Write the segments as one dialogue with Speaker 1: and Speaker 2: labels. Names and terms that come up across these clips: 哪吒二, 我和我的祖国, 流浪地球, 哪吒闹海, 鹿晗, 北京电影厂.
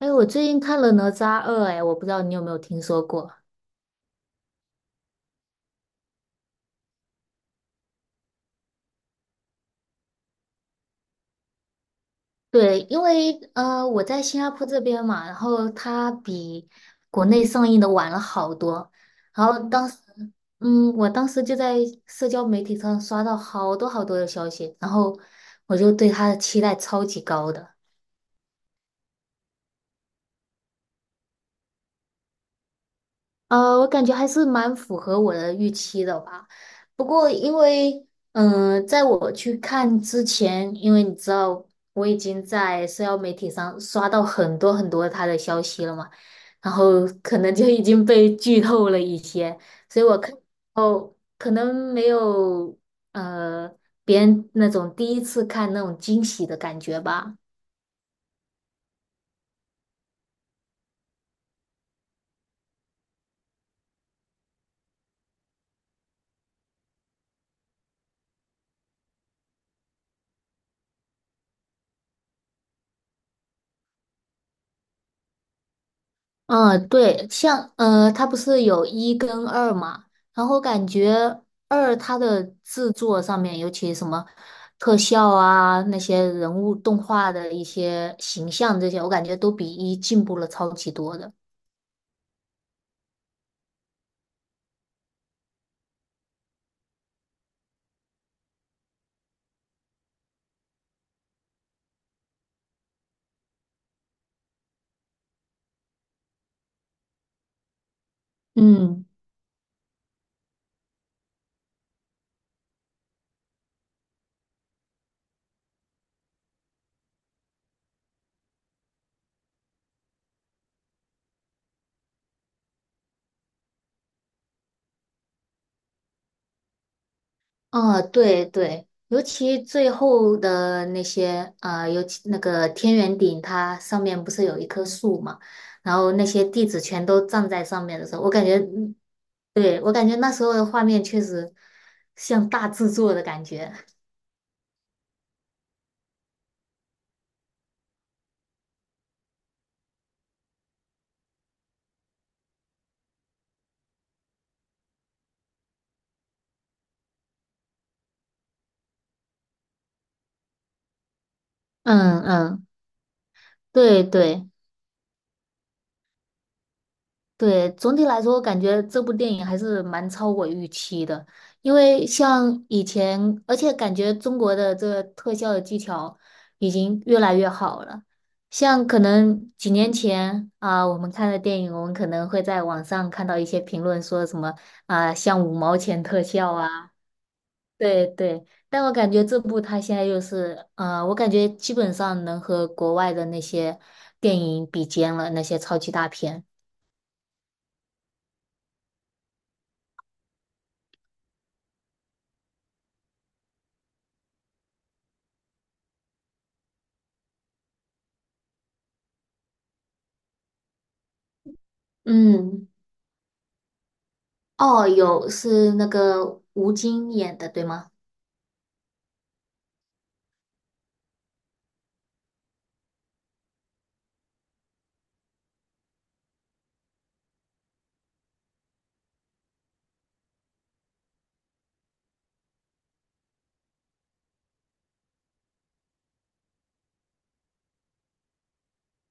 Speaker 1: 哎，我最近看了《哪吒二》，哎，我不知道你有没有听说过？对，因为我在新加坡这边嘛，然后它比国内上映的晚了好多。然后当时，我当时就在社交媒体上刷到好多的消息，然后我就对它的期待超级高的。我感觉还是蛮符合我的预期的吧。不过，因为在我去看之前，因为你知道我已经在社交媒体上刷到很多他的消息了嘛，然后可能就已经被剧透了一些，所以我看哦，可能没有呃别人那种第一次看那种惊喜的感觉吧。嗯，对，像它不是有一跟二嘛，然后感觉二它的制作上面，尤其什么特效啊，那些人物动画的一些形象这些，我感觉都比一进步了超级多的。嗯啊，对对，尤其最后的那些，啊，尤其那个天元顶，它上面不是有一棵树嘛，然后那些弟子全都站在上面的时候，我感觉对，我感觉那时候的画面确实像大制作的感觉。嗯嗯，对对对，总体来说，我感觉这部电影还是蛮超我预期的，因为像以前，而且感觉中国的这个特效的技巧已经越来越好了。像可能几年前啊，我们看的电影，我们可能会在网上看到一些评论说什么啊，像五毛钱特效啊。对对，但我感觉这部它现在又是，我感觉基本上能和国外的那些电影比肩了，那些超级大片。嗯，哦，有是那个吴京演的，对吗？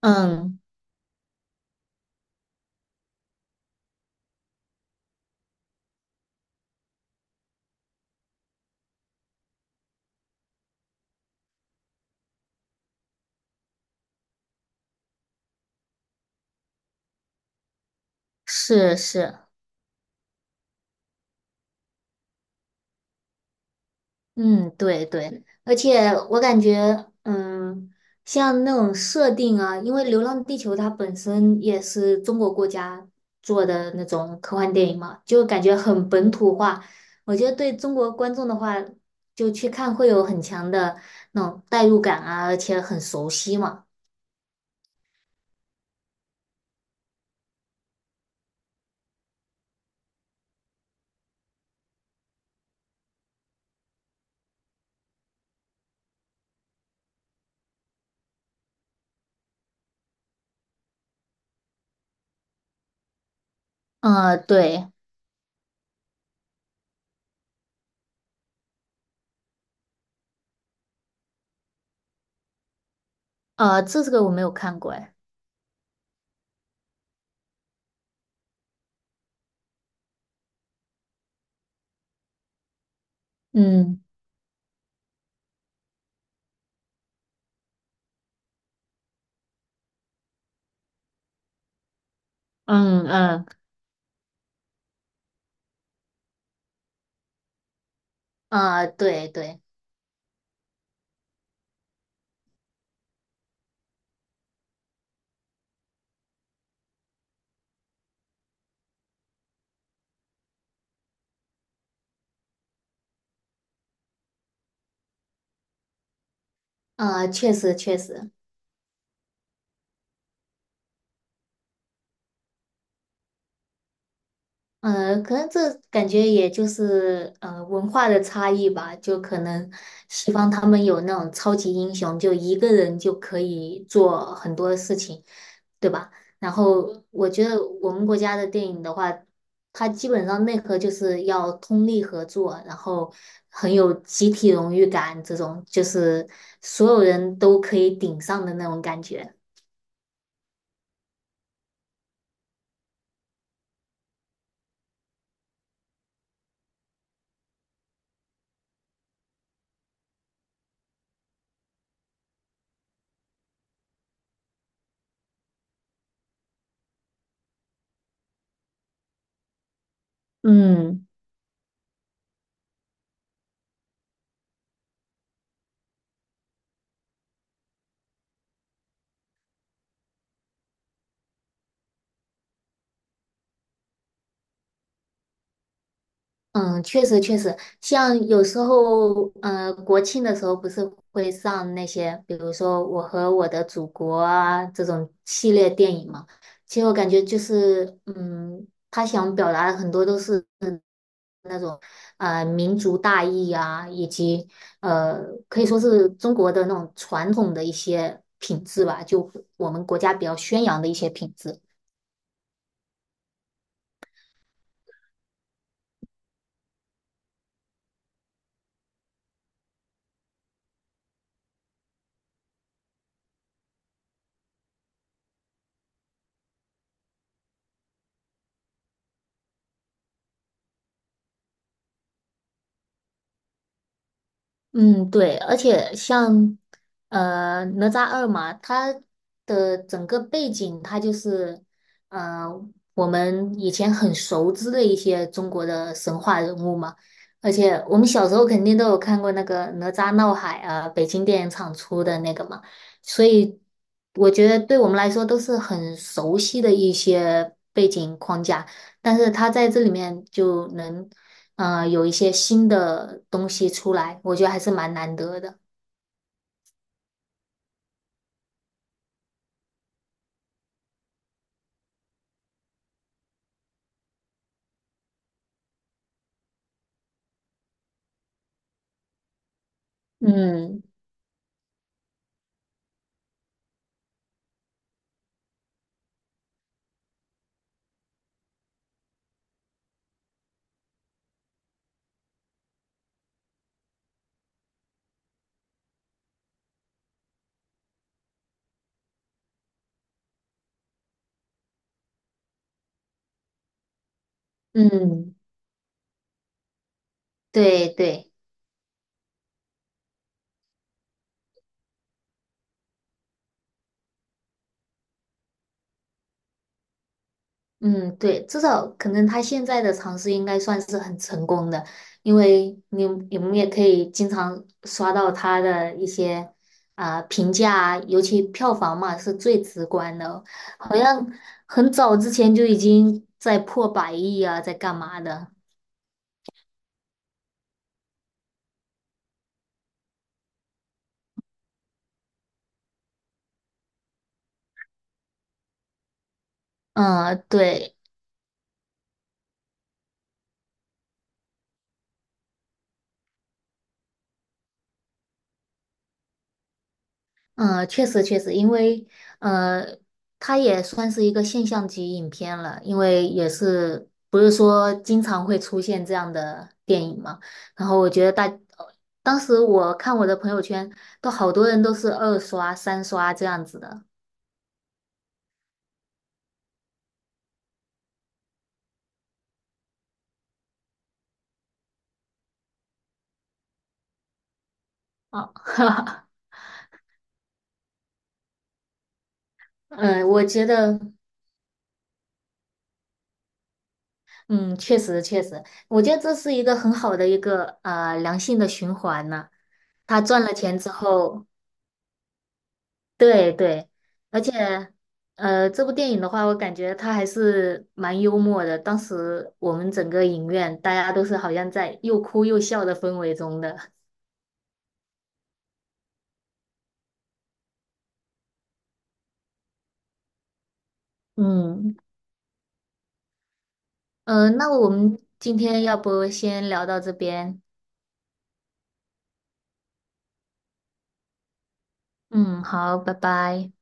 Speaker 1: 嗯，是是。嗯，对对，而且我感觉，嗯，像那种设定啊，因为《流浪地球》它本身也是中国国家做的那种科幻电影嘛，就感觉很本土化。我觉得对中国观众的话，就去看会有很强的那种代入感啊，而且很熟悉嘛。嗯，对，这个我没有看过，哎，嗯嗯嗯，对对，确实确实。可能这感觉也就是文化的差异吧，就可能西方他们有那种超级英雄，就一个人就可以做很多事情，对吧？然后我觉得我们国家的电影的话，它基本上内核就是要通力合作，然后很有集体荣誉感，这种就是所有人都可以顶上的那种感觉。嗯。嗯，确实确实，像有时候，嗯，国庆的时候不是会上那些，比如说《我和我的祖国》啊这种系列电影嘛。其实我感觉就是，嗯，他想表达的很多都是那种，民族大义啊，以及呃，可以说是中国的那种传统的一些品质吧，就我们国家比较宣扬的一些品质。嗯，对，而且像哪吒二嘛，它的整个背景，它就是呃我们以前很熟知的一些中国的神话人物嘛，而且我们小时候肯定都有看过那个哪吒闹海啊，北京电影厂出的那个嘛，所以我觉得对我们来说都是很熟悉的一些背景框架，但是他在这里面就能。有一些新的东西出来，我觉得还是蛮难得的。嗯嗯，对对，嗯对，至少可能他现在的尝试应该算是很成功的，因为你们也可以经常刷到他的一些啊、评价啊尤其票房嘛是最直观的，好像很早之前就已经在破百亿啊，在干嘛的？嗯，对。嗯，确实确实，因为呃，它也算是一个现象级影片了，因为也是不是说经常会出现这样的电影嘛。然后我觉得大，当时我看我的朋友圈，都好多人都是二刷、三刷这样子的啊。嗯，我觉得，嗯，确实确实，我觉得这是一个很好的一个良性的循环呢、他赚了钱之后，对对，而且，这部电影的话，我感觉它还是蛮幽默的。当时我们整个影院大家都是好像在又哭又笑的氛围中的。嗯，那我们今天要不先聊到这边？嗯，好，拜拜。